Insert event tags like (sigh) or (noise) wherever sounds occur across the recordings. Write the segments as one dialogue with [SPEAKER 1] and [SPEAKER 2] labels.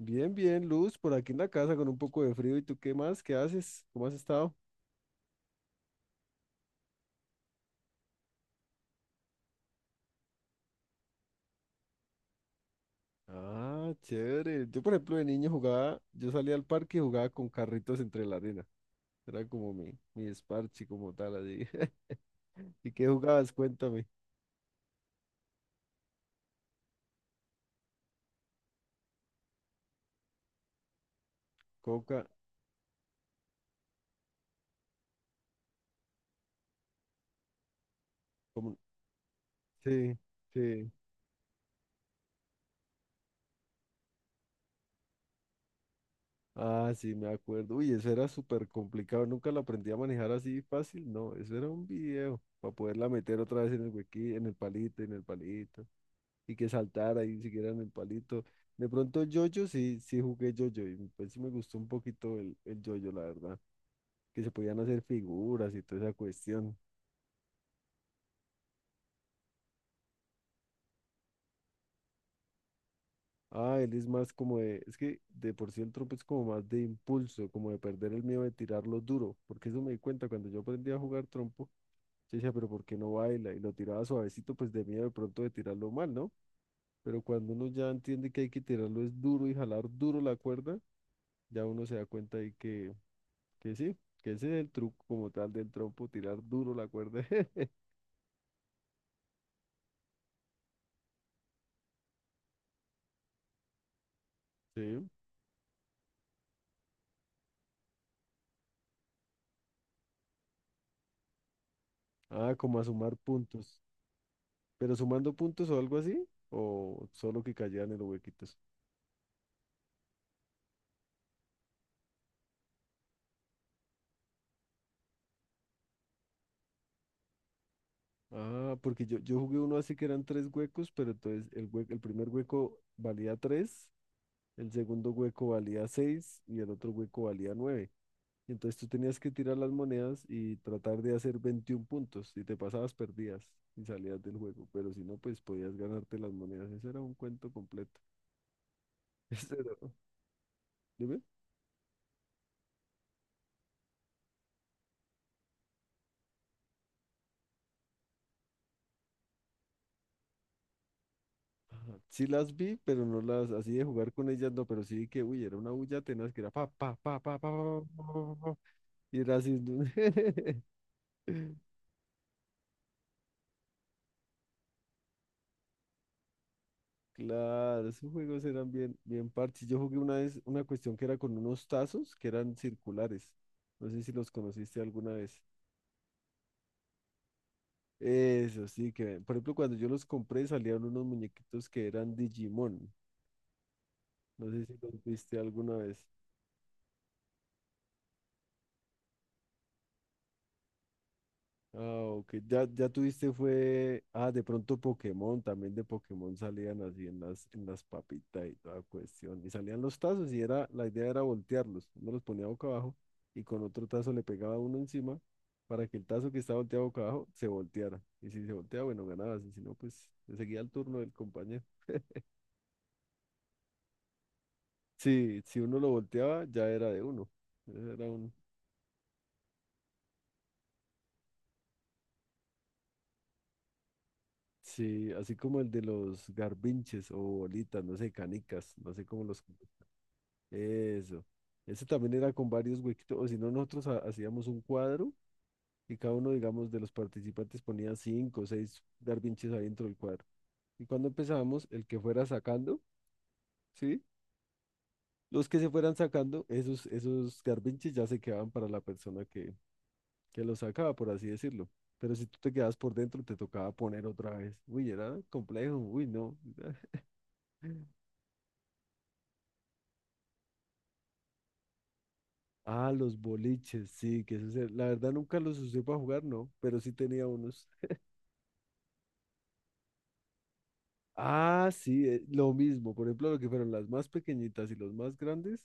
[SPEAKER 1] Bien, bien, Luz, por aquí en la casa con un poco de frío. ¿Y tú qué más? ¿Qué haces? ¿Cómo has estado? Ah, chévere. Yo, por ejemplo, de niño jugaba, yo salía al parque y jugaba con carritos entre la arena. Era como mi esparchi, como tal, así. (laughs) ¿Y qué jugabas? Cuéntame. Coca, como... Sí, sí. Ah, sí, me acuerdo. Uy, eso era súper complicado. Nunca lo aprendí a manejar así fácil. No, eso era un video para poderla meter otra vez en el huequí, en el palito, en el palito, y que saltara y siguiera en el palito. De pronto yo-yo sí, sí jugué yo-yo y pues sí me gustó un poquito el yo-yo, la verdad, que se podían hacer figuras y toda esa cuestión. Ah, él es más como de, es que de por sí el trompo es como más de impulso, como de perder el miedo de tirarlo duro, porque eso me di cuenta cuando yo aprendí a jugar trompo, yo decía, pero ¿por qué no baila? Y lo tiraba suavecito, pues de miedo de pronto de tirarlo mal, ¿no? Pero cuando uno ya entiende que hay que tirarlo es duro y jalar duro la cuerda, ya uno se da cuenta ahí que... Que sí, que ese es el truco como tal del trompo, tirar duro la cuerda. (laughs) Sí. Ah, como a sumar puntos. ¿Pero sumando puntos o algo así? ¿O solo que cayeran en los huequitos? Ah, porque yo jugué uno así que eran tres huecos, pero entonces el primer hueco valía tres, el segundo hueco valía seis y el otro hueco valía nueve. Entonces tú tenías que tirar las monedas y tratar de hacer 21 puntos. Si te pasabas, perdías y salías del juego. Pero si no, pues podías ganarte las monedas. Ese era un cuento completo. Este no. Dime. Ajá. Sí las vi, pero no las, así de jugar con ellas, no, pero sí que, uy, era una bulla tenaz que era pa, pa, pa, pa, pa, pa, pa, pa, pa, y era así. (laughs) Claro, esos juegos eran bien, bien parches. Yo jugué una vez una cuestión que era con unos tazos que eran circulares. No sé si los conociste alguna vez. Eso sí, que, por ejemplo, cuando yo los compré salían unos muñequitos que eran Digimon. No sé si los viste alguna vez. Ah, ok. Ya, ya tuviste fue. Ah, de pronto Pokémon. También de Pokémon salían así en las papitas y toda cuestión. Y salían los tazos y era, la idea era voltearlos. Uno los ponía boca abajo y con otro tazo le pegaba uno encima para que el tazo que estaba volteado boca abajo se volteara. Y si se volteaba, bueno, ganabas. Y si no, pues le seguía el turno del compañero. Sí, si uno lo volteaba, ya era de uno. Ese era un. Sí, así como el de los garbinches o bolitas, no sé, canicas, no sé cómo los... Eso. Eso también era con varios huequitos, o si no, nosotros hacíamos un cuadro y cada uno, digamos, de los participantes ponía cinco o seis garbinches ahí dentro del cuadro. Y cuando empezábamos, el que fuera sacando, ¿sí? Los que se fueran sacando, esos, esos garbinches ya se quedaban para la persona que los sacaba, por así decirlo. Pero si tú te quedabas por dentro, te tocaba poner otra vez. Uy, era complejo, uy, no. (laughs) Ah, los boliches, sí, que eso la verdad nunca los usé para jugar, no, pero sí tenía unos. Ah, sí, lo mismo. Por ejemplo, lo que fueron las más pequeñitas y los más grandes,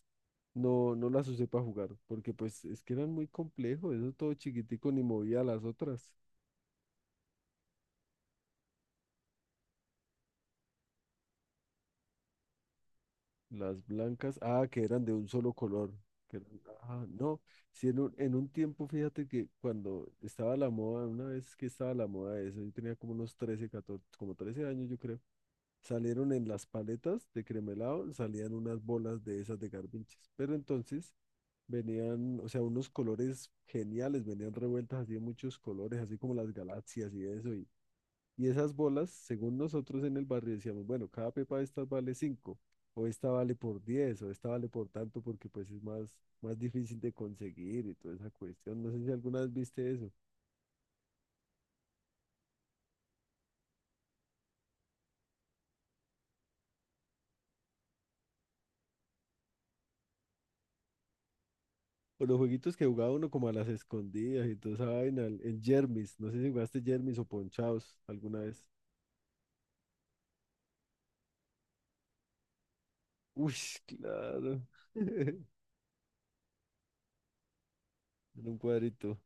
[SPEAKER 1] no, no las usé para jugar, porque pues es que eran muy complejos, eso todo chiquitico ni movía las otras. Las blancas, ah, que eran de un solo color, que eran... ah, no, sí, en un tiempo, fíjate que cuando estaba la moda, una vez que estaba la moda de eso, yo tenía como unos 13, 14, como 13 años, yo creo. Salieron en las paletas de cremelado, salían unas bolas de esas de garbinches. Pero entonces venían, o sea, unos colores geniales, venían revueltas así de muchos colores, así como las galaxias y eso. Y esas bolas, según nosotros en el barrio, decíamos, bueno, cada pepa de estas vale 5 o esta vale por 10 o esta vale por tanto, porque pues es más, más difícil de conseguir y toda esa cuestión. No sé si alguna vez viste eso. O los jueguitos que jugaba uno como a las escondidas y toda esa vaina, en Jermis. No sé si jugaste Jermis o Ponchaos alguna vez. Uy, claro. (laughs) En un cuadrito.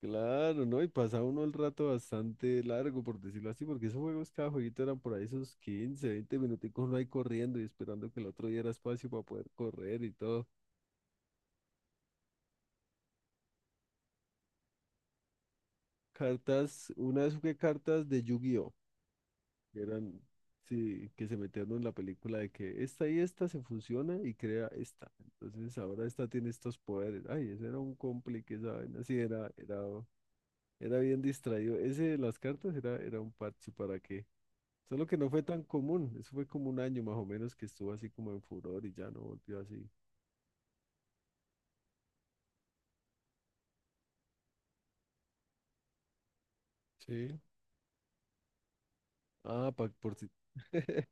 [SPEAKER 1] Claro, ¿no? Y pasaba uno el rato bastante largo, por decirlo así, porque esos juegos, cada jueguito eran por ahí esos 15 20 minuticos uno ahí corriendo y esperando que el otro diera espacio para poder correr y todo. Cartas, una vez jugué cartas de yu gi... Eran, sí, que se metieron en la película de que esta y esta se fusiona y crea esta. Entonces ahora esta tiene estos poderes. Ay, ese era un complique, esa vaina. Sí, era bien distraído. Ese de las cartas era, era un parche para que. Solo que no fue tan común. Eso fue como un año más o menos que estuvo así como en furor y ya no volvió así. Sí. Ah, por si. (laughs)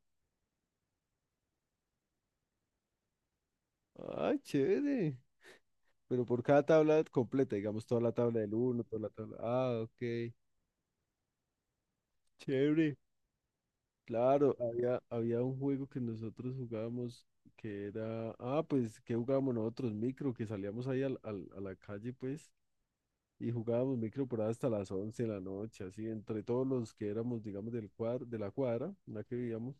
[SPEAKER 1] Ah, chévere. Pero por cada tabla completa, digamos, toda la tabla del uno, toda la tabla. Ah, ok. Chévere. Claro, había, había un juego que nosotros jugábamos que era, ah, pues, ¿que jugábamos nosotros? Micro, que salíamos ahí a la calle, pues, y jugábamos micro por ahí hasta las 11 de la noche, así, entre todos los que éramos, digamos, del cuadro, de la cuadra, en la que vivíamos,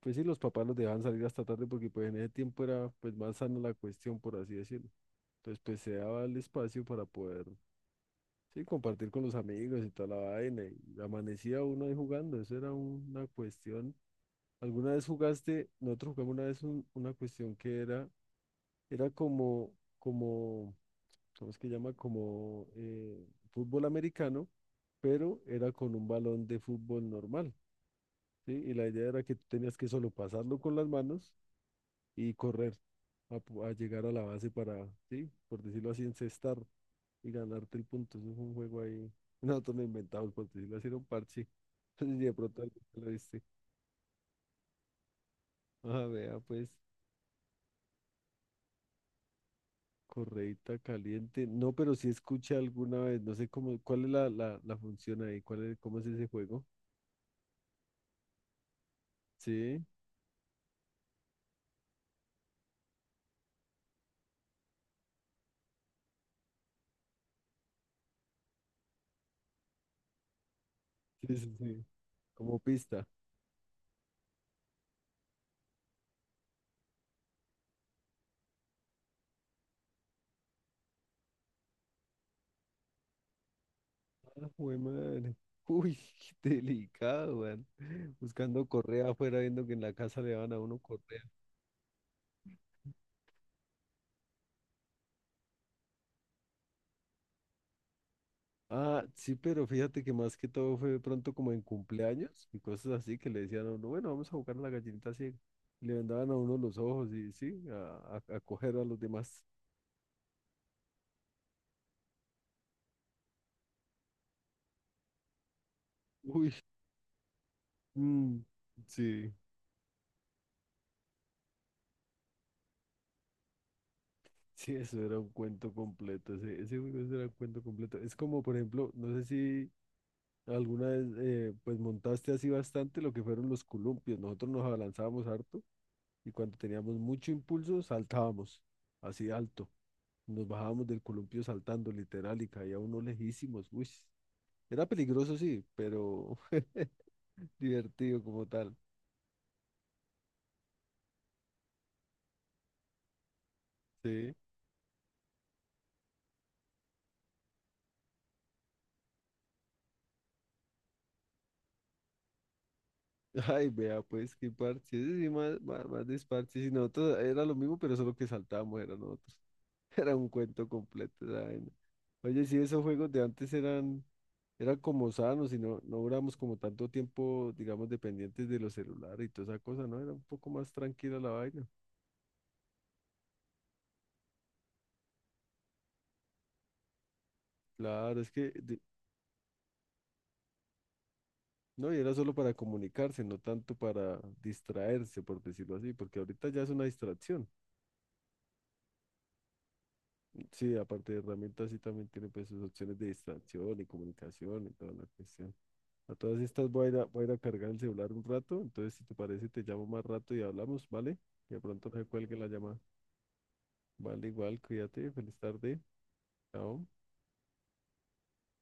[SPEAKER 1] pues sí, los papás nos dejaban salir hasta tarde porque, pues, en ese tiempo era, pues, más sana la cuestión, por así decirlo. Entonces, pues, se daba el espacio para poder, sí, compartir con los amigos y toda la vaina, y amanecía uno ahí jugando, eso era una cuestión. ¿Alguna vez jugaste? Nosotros jugamos una vez una cuestión que era, era como, como, ¿cómo es que llama? Como fútbol americano, pero era con un balón de fútbol normal, ¿sí? Y la idea era que tú tenías que solo pasarlo con las manos y correr a, a llegar a la base para, ¿sí? Por decirlo así, encestar y ganarte el punto. Eso es un juego ahí. (laughs) Nosotros lo inventamos, por decirlo así, era un parche. (laughs) Y de pronto alguien te lo viste. Ah, vea, pues. Correita caliente. No, pero sí escuché alguna vez. No sé cómo, cuál es la, la, la función ahí, cuál es, cómo es ese juego. Sí, sí, sí, sí. Como pista. Ah, jue madre. Uy, (laughs) qué delicado, man. Buscando correa afuera, viendo que en la casa le van a uno correa. Ah, sí, pero fíjate que más que todo fue de pronto como en cumpleaños y cosas así que le decían a uno, bueno, vamos a jugar a la gallinita ciega. Y le vendaban a uno los ojos y sí, a coger a los demás. Uy, mm, sí. Sí, eso era un cuento completo, ese juego eso era un cuento completo. Es como, por ejemplo, no sé si alguna vez pues montaste así bastante lo que fueron los columpios. Nosotros nos abalanzábamos harto y cuando teníamos mucho impulso saltábamos así alto. Nos bajábamos del columpio saltando literal y caía uno lejísimos. Uy, era peligroso, sí, pero (laughs) divertido como tal. Sí. Ay, vea, pues qué parche. Ese sí, más, más, más desparche. Si nosotros era lo mismo, pero solo que saltábamos, era nosotros. (laughs) Era un cuento completo esa vaina. Oye, sí, esos juegos de antes eran, eran como sanos y no, no duramos como tanto tiempo, digamos, dependientes de los celulares y toda esa cosa, ¿no? Era un poco más tranquila la vaina. Claro, es que, de... no, y era solo para comunicarse, no tanto para distraerse, por decirlo así, porque ahorita ya es una distracción. Sí, aparte de herramientas, sí también tiene pues sus opciones de distracción y comunicación y toda la cuestión. A todas estas voy a ir a, voy a ir a cargar el celular un rato, entonces si te parece te llamo más rato y hablamos, ¿vale? Que de pronto no se cuelgue la llamada. Vale, igual, cuídate, feliz tarde, chao.